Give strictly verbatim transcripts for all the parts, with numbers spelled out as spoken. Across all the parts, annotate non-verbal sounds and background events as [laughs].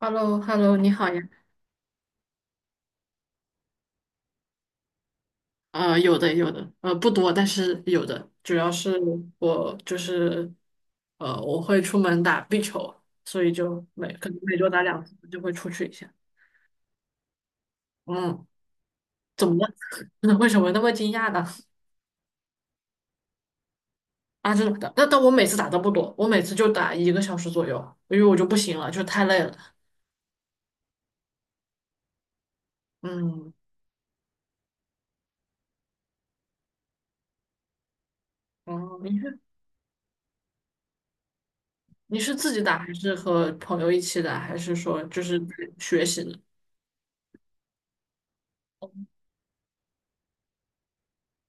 h e l l o h e l l o 你好呀。呃，有的，有的，呃，不多，但是有的。主要是我就是，呃，我会出门打壁球，所以就每可能每周打两次，就会出去一下。嗯，怎么了？[laughs] 为什么那么惊讶呢？啊，真的，但但我每次打都不多，我每次就打一个小时左右，因为我就不行了，就太累了。嗯，哦，你是你是自己打，还是和朋友一起打，还是说就是学习呢？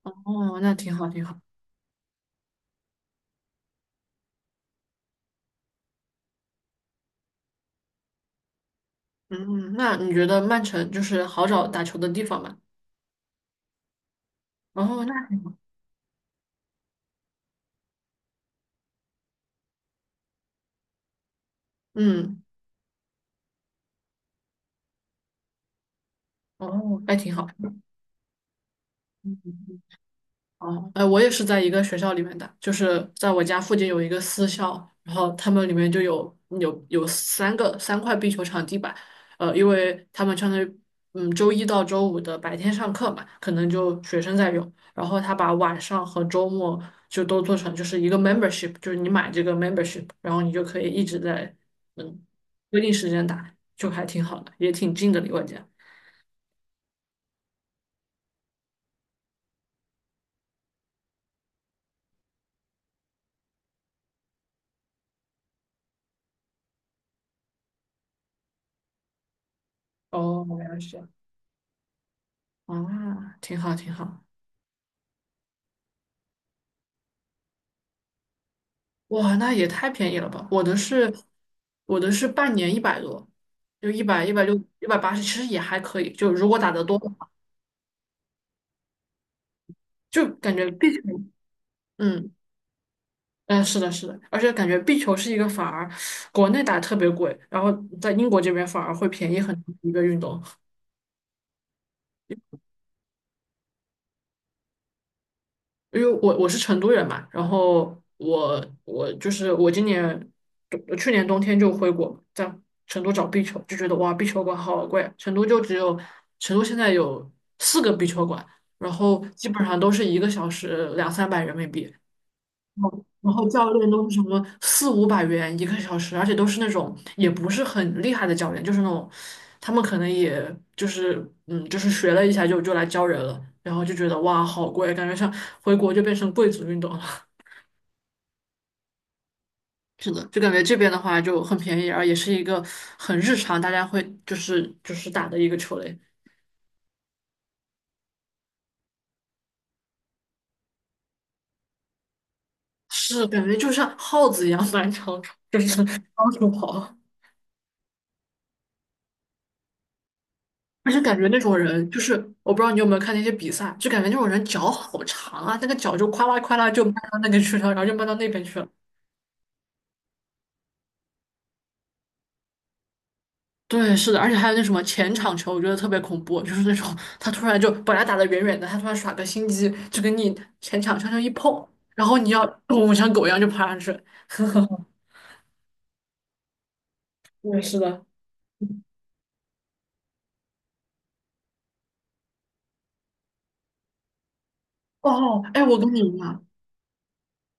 哦，那挺好，挺好。嗯，那你觉得曼城就是好找打球的地方吗？后那嗯，哦，还挺好。哦，哎，我也是在一个学校里面的，就是在我家附近有一个私校，然后他们里面就有有有三个三块壁球场地板，呃，因为他们相当于嗯周一到周五的白天上课嘛，可能就学生在用，然后他把晚上和周末就都做成就是一个 membership，就是你买这个 membership，然后你就可以一直在嗯规定时间打，就还挺好的，也挺近的离我家。哦，原来是这样啊，挺好挺好。哇，那也太便宜了吧！我的是，我的是半年一百多，就一百一百六一百八十其实也还可以。就如果打得多的话，就感觉壁球，嗯，嗯，是的，是的，而且感觉壁球是一个反而国内打特别贵，然后在英国这边反而会便宜很多的一个运动。因为我我是成都人嘛，然后我我就是我今年去年冬天就回国，在成都找壁球，就觉得哇，壁球馆好贵啊，成都就只有成都现在有四个壁球馆，然后基本上都是一个小时两三百人民币，然后教练都是什么四五百元一个小时，而且都是那种也不是很厉害的教练，就是那种他们可能也就是嗯，就是学了一下就就来教人了，然后就觉得哇好贵，感觉像回国就变成贵族运动了。[laughs] 是的，就感觉这边的话就很便宜，而也是一个很日常大家会就是就是打的一个球类，是感觉就像耗子一样 [laughs] 满场就是到处跑。而且感觉那种人，就是我不知道你有没有看那些比赛，就感觉那种人脚好长啊，那个脚就夸啦夸啦就迈到那个去了，然后就迈到那边去了。对，是的，而且还有那什么前场球，我觉得特别恐怖，就是那种他突然就本来打得远远的，他突然耍个心机，就跟你前场悄悄一碰，然后你要我像狗一样就爬上去。[laughs] 呵呵，[laughs] 对，是的。哦，哎，我跟你一样，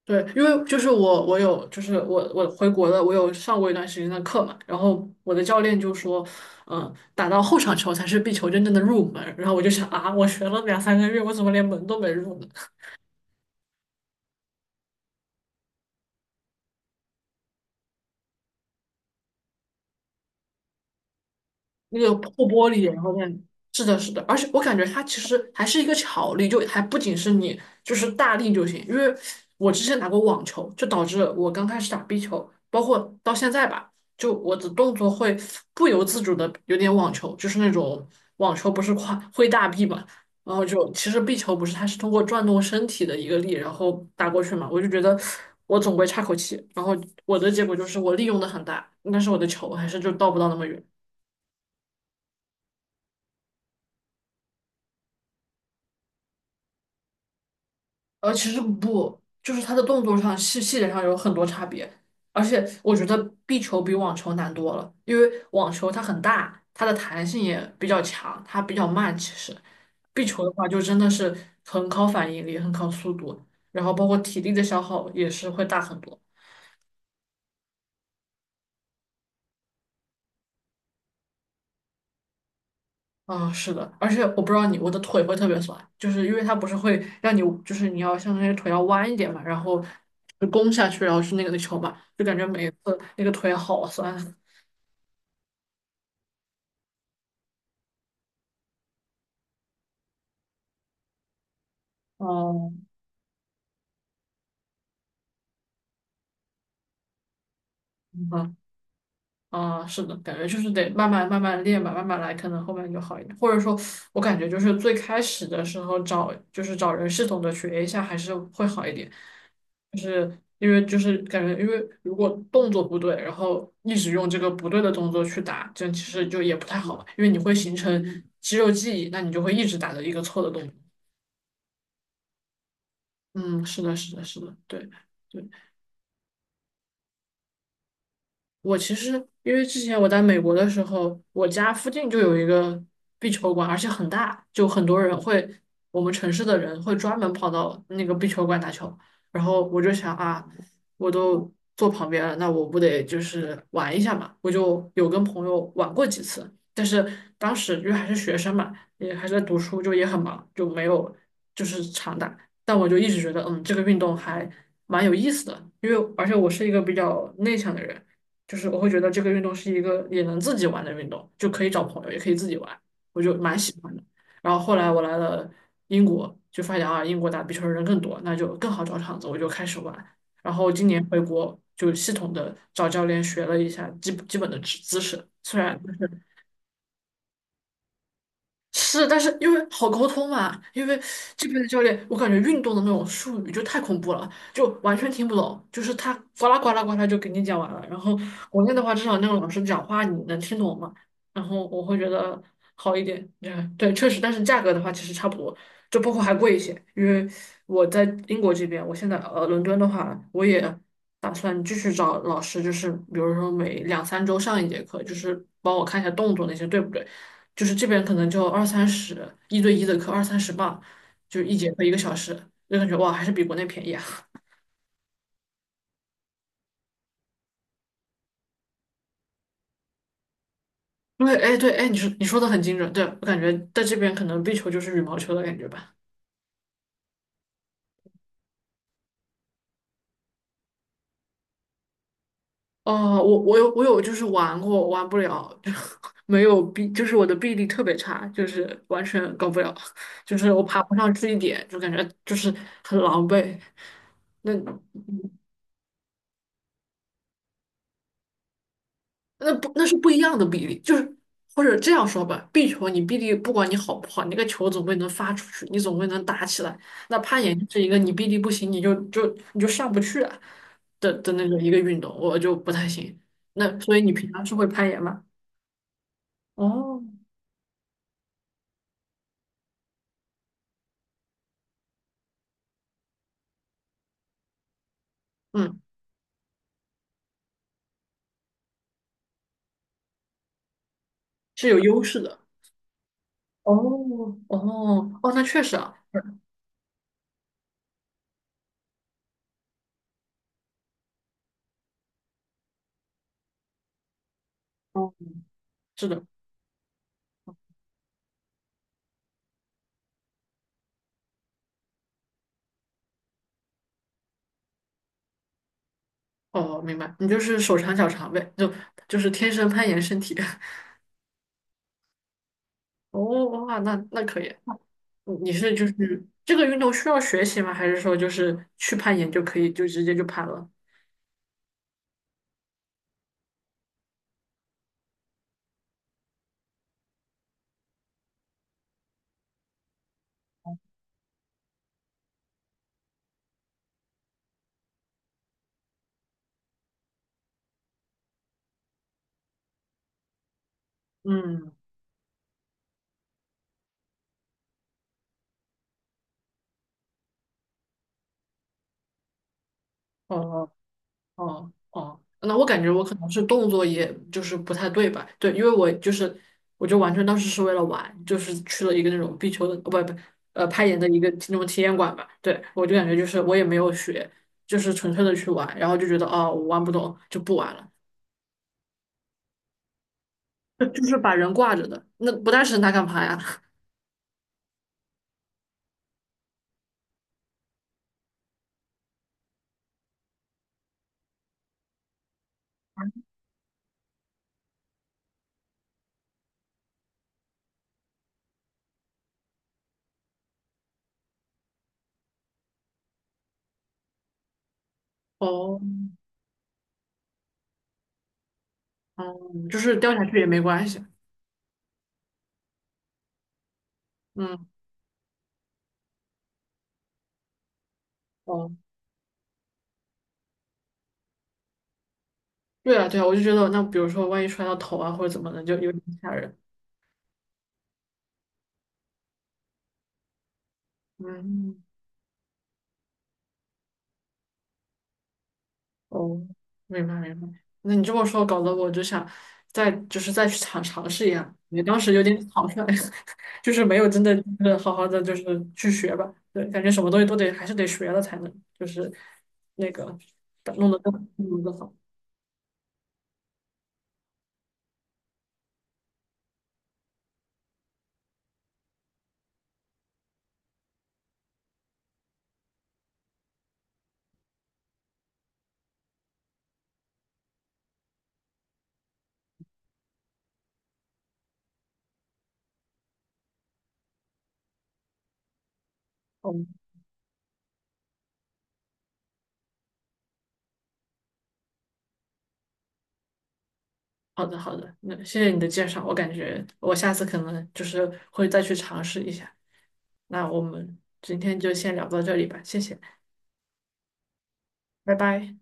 对，因为就是我，我有，就是我，我回国了，我有上过一段时间的课嘛，然后我的教练就说，嗯，打到后场球才是壁球真正的入门，然后我就想啊，我学了两三个月，我怎么连门都没入呢？那个破玻璃，然后那样。是的，是的，而且我感觉它其实还是一个巧力，就还不仅是你就是大力就行。因为我之前打过网球，就导致我刚开始打壁球，包括到现在吧，就我的动作会不由自主的有点网球，就是那种网球不是跨挥大臂嘛，然后就其实壁球不是它是通过转动身体的一个力，然后打过去嘛，我就觉得我总归差口气，然后我的结果就是我利用的很大，但是我的球还是就到不到那么远。呃，其实不，就是它的动作上细细节上有很多差别，而且我觉得壁球比网球难多了，因为网球它很大，它的弹性也比较强，它比较慢。其实壁球的话，就真的是很考反应力，很考速度，然后包括体力的消耗也是会大很多。啊、是的，而且我不知道你，我的腿会特别酸，就是因为它不是会让你，就是你要像那于腿要弯一点嘛，然后就弓下去，然后去那个球嘛，就感觉每次那个腿好酸。哦，嗯哼啊，是的，感觉就是得慢慢慢慢练吧，慢慢来，可能后面就好一点。或者说，我感觉就是最开始的时候找，就是找人系统的学一下，还是会好一点。就是因为就是感觉，因为如果动作不对，然后一直用这个不对的动作去打，这样其实就也不太好吧，因为你会形成肌肉记忆，那你就会一直打的一个错的动作。嗯，是的，是的，是的，对。对。我其实因为之前我在美国的时候，我家附近就有一个壁球馆，而且很大，就很多人会，我们城市的人会专门跑到那个壁球馆打球。然后我就想啊，我都坐旁边了，那我不得就是玩一下嘛？我就有跟朋友玩过几次，但是当时因为还是学生嘛，也还是在读书，就也很忙，就没有就是常打。但我就一直觉得，嗯，这个运动还蛮有意思的，因为而且我是一个比较内向的人。就是我会觉得这个运动是一个也能自己玩的运动，就可以找朋友，也可以自己玩，我就蛮喜欢的。然后后来我来了英国，就发现啊，英国打壁球的人更多，那就更好找场子，我就开始玩。然后今年回国就系统的找教练学了一下基基本的知姿势，虽然是，但是因为好沟通嘛，因为这边的教练，我感觉运动的那种术语就太恐怖了，就完全听不懂，就是他呱啦呱啦呱啦就给你讲完了。然后国内的话，至少那个老师讲话你能听懂嘛，然后我会觉得好一点。嗯，对，确实，但是价格的话其实差不多，就包括还贵一些，因为我在英国这边，我现在呃伦敦的话，我也打算继续找老师，就是比如说每两三周上一节课，就是帮我看一下动作那些对不对。就是这边可能就二三十一对一的课，二三十吧，就是一节课一个小时，就感觉哇，还是比国内便宜啊。[laughs] 因为哎，对，哎，你说你说的很精准，对，我感觉在这边可能壁球就是羽毛球的感觉吧。哦，我我有我有就是玩过，玩不了，就 [laughs] 没有臂，就是我的臂力特别差，就是完全搞不了，[laughs] 就是我爬不上去一点，就感觉就是很狼狈。那那不那是不一样的比例，就是或者这样说吧，壁球你臂力不管你好不好，你那个球总归能发出去，你总归能打起来。那攀岩是一个你臂力不行，你就就你就上不去啊的的那个一个运动，我就不太行。那所以你平常是会攀岩吗？哦，嗯，是有优势的。哦哦哦，那确实啊，哦，是的，哦，明白，你就是手长脚长呗，就就是天生攀岩身体。[laughs] 哦哇，那那可以。你你是就是这个运动需要学习吗？还是说就是去攀岩就可以就直接就攀了？嗯，哦哦哦，那我感觉我可能是动作也就是不太对吧？对，因为我就是我就完全当时是为了玩，就是去了一个那种壁球的，不不呃攀岩的一个那种体验馆吧。对，我就感觉就是我也没有学，就是纯粹的去玩，然后就觉得哦我玩不懂就不玩了，就就是把人挂着的，那不带绳它干嘛呀？[laughs] 哦，哦，就是掉下去也没关系。嗯。哦，对啊，对啊，我就觉得，那比如说，万一摔到头啊，或者怎么的，就有点吓人。嗯，哦，明白明白。那你这么说，搞得我就想再就是再去尝尝试一下。你当时有点草率，[laughs] 就是没有真的就是好好的就是去学吧。对，感觉什么东西都得还是得学了才能，就是那个弄得更弄得更好。哦好的，好的，那谢谢你的介绍，我感觉我下次可能就是会再去尝试一下。那我们今天就先聊到这里吧，谢谢，拜拜。